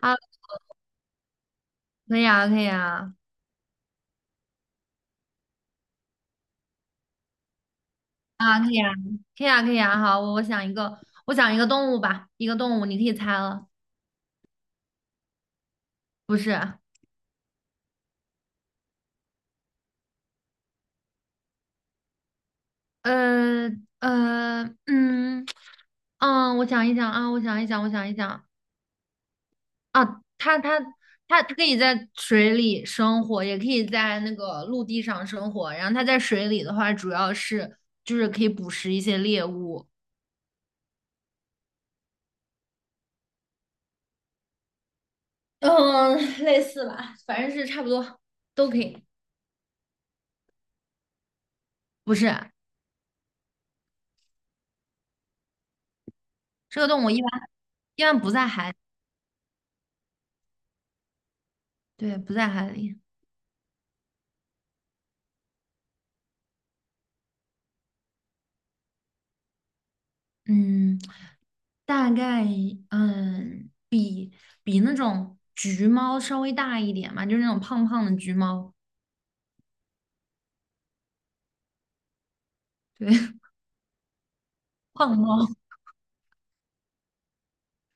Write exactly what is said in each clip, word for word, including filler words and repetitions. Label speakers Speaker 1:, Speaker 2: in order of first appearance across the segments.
Speaker 1: 啊，可以啊，可以啊，啊，可以啊，可以啊，可以啊。好，我我想一个，我想一个动物吧，一个动物，你可以猜了，不是？呃呃，嗯嗯，我想一想啊，我想一想，我想一想啊，它它它它可以在水里生活，也可以在那个陆地上生活。然后它在水里的话，主要是就是可以捕食一些猎物。嗯，类似吧，反正是差不多都可以，不是？这个动物一般一般不在海里，对，不在海里。嗯，大概嗯比比那种橘猫稍微大一点嘛，就是那种胖胖的橘猫，对。胖猫。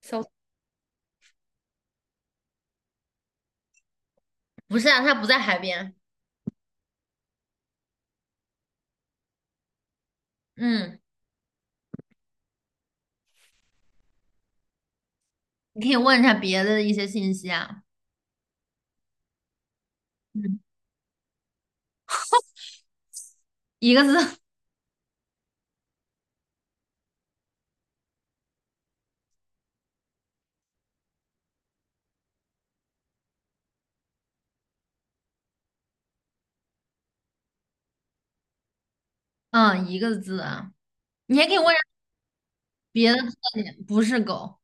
Speaker 1: 小，不是啊，它不在海边。嗯，你可以问一下别的一些信息啊。嗯，一个字。嗯，一个字啊。你还可以问一下别的特点，不是狗，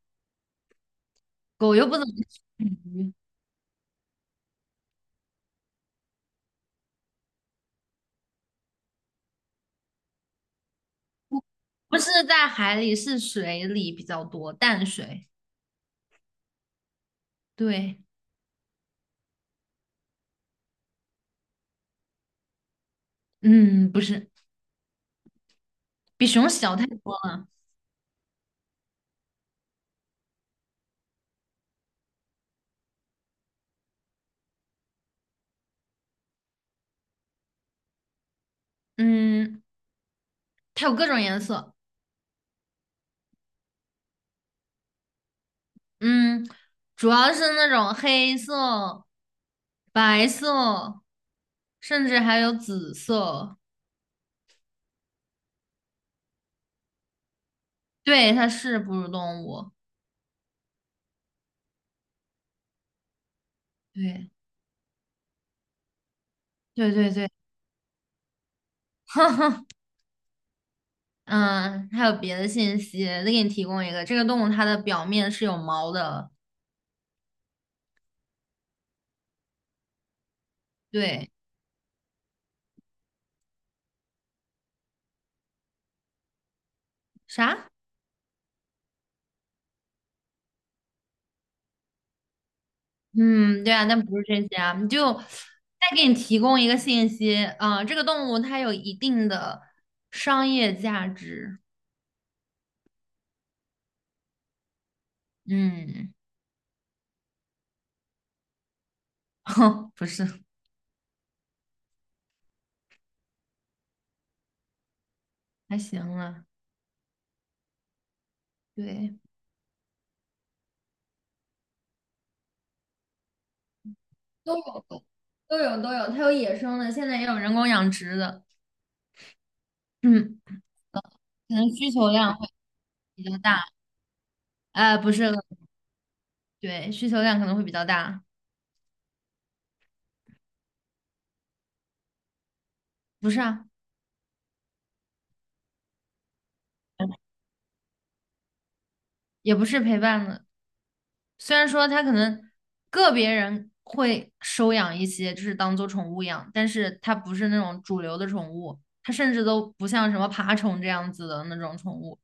Speaker 1: 狗又不怎么吃鱼，不是在海里，是水里比较多，淡水。对。嗯，不是，比熊小太多了。嗯，它有各种颜色。嗯，主要是那种黑色、白色，甚至还有紫色。对，它是哺乳动物。对，对对对。嗯，还有别的信息，再给你提供一个，这个动物它的表面是有毛的。对，啥？嗯，对啊，但不是这些啊，你就再给你提供一个信息，啊、这个动物它有一定的商业价值。嗯。哼，不是，还行啊，对，都有，都有，都有，它有野生的，现在也有人工养殖的。嗯，可能需求量会比较大，哎、不是，对，需求量可能会比较大，不是啊，也不是陪伴的，虽然说它可能个别人会收养一些，就是当做宠物养，但是它不是那种主流的宠物，它甚至都不像什么爬虫这样子的那种宠物，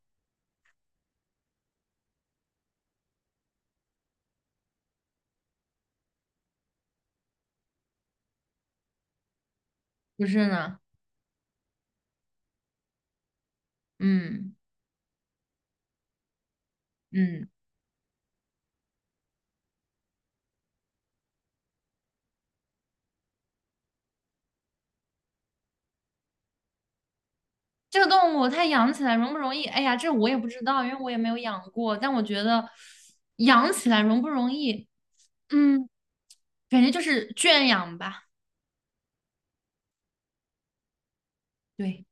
Speaker 1: 不是呢？嗯嗯，这个动物它养起来容不容易？哎呀，这我也不知道，因为我也没有养过，但我觉得养起来容不容易？嗯，感觉就是圈养吧。对，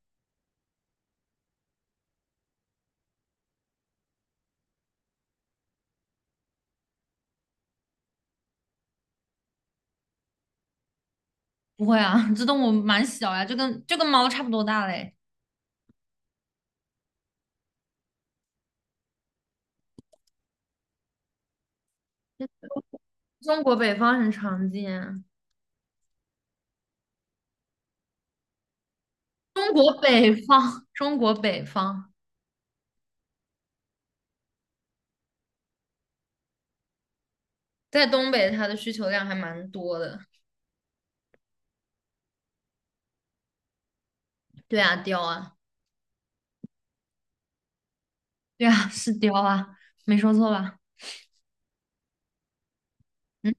Speaker 1: 不会啊。这动物蛮小呀，就跟就跟猫差不多大嘞。中国北方很常见。中国北方，中国北方，在东北它的需求量还蛮多的。对啊，貂啊，对啊，是貂啊，没说错吧？嗯，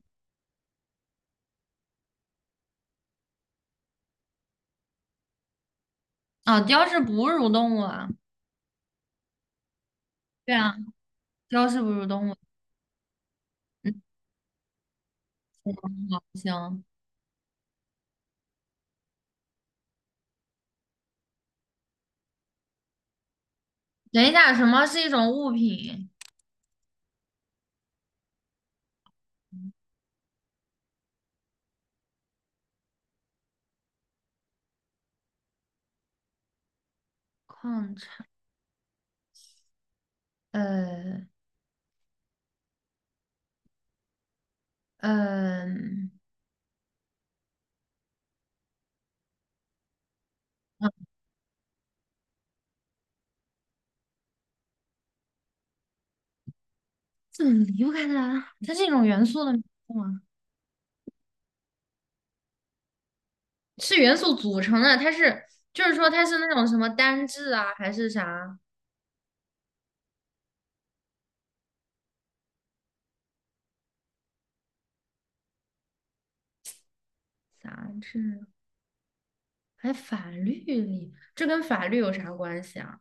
Speaker 1: 啊，貂是哺乳动物啊。对啊，貂是哺乳动物。嗯，好，行。等一下，什么是一种物品？矿产，呃，呃，啊，怎么离不开它？它是一种元素的名字吗？是元素组成的，它是，就是说它是那种什么单质啊，还是啥杂质？还法律里，这跟法律有啥关系啊？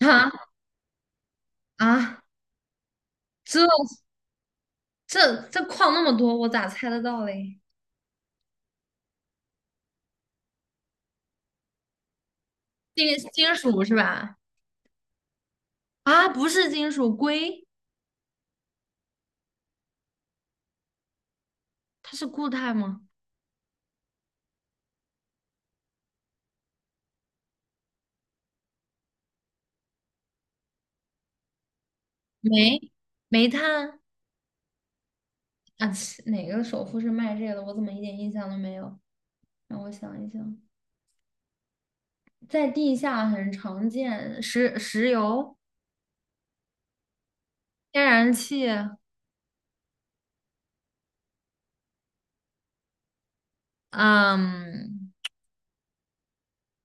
Speaker 1: 啊啊，这这这矿那么多，我咋猜得到嘞？金金属是吧？啊，不是金属，硅，它是固态吗？煤，煤炭啊，切哪个首富是卖这个的？我怎么一点印象都没有？让我想一想，在地下很常见，石石油、天然气。嗯，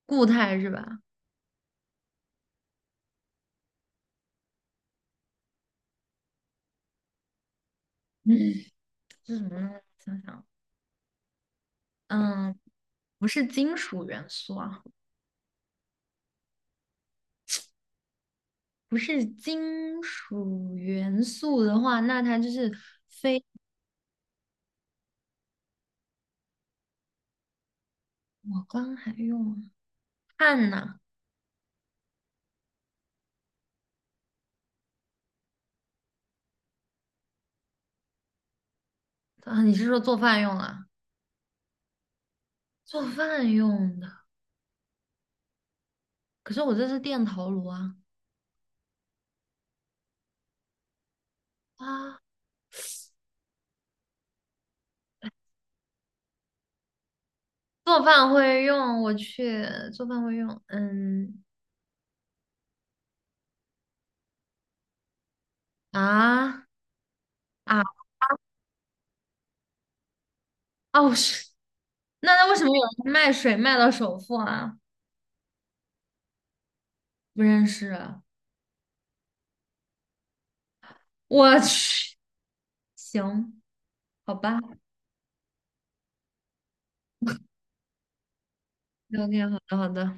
Speaker 1: 固态是吧？嗯，这什么呢？想想。嗯，不是金属元素啊，不是金属元素的话，那它就是我刚还用啊碳呐。啊，你是说做饭用啊？做饭用的，可是我这是电陶炉啊。啊，做饭会用，我去做饭会用。嗯啊啊哦是，那那为什么有人卖水卖到首付啊？不认识啊，我去，行，好吧，OK，好的好的。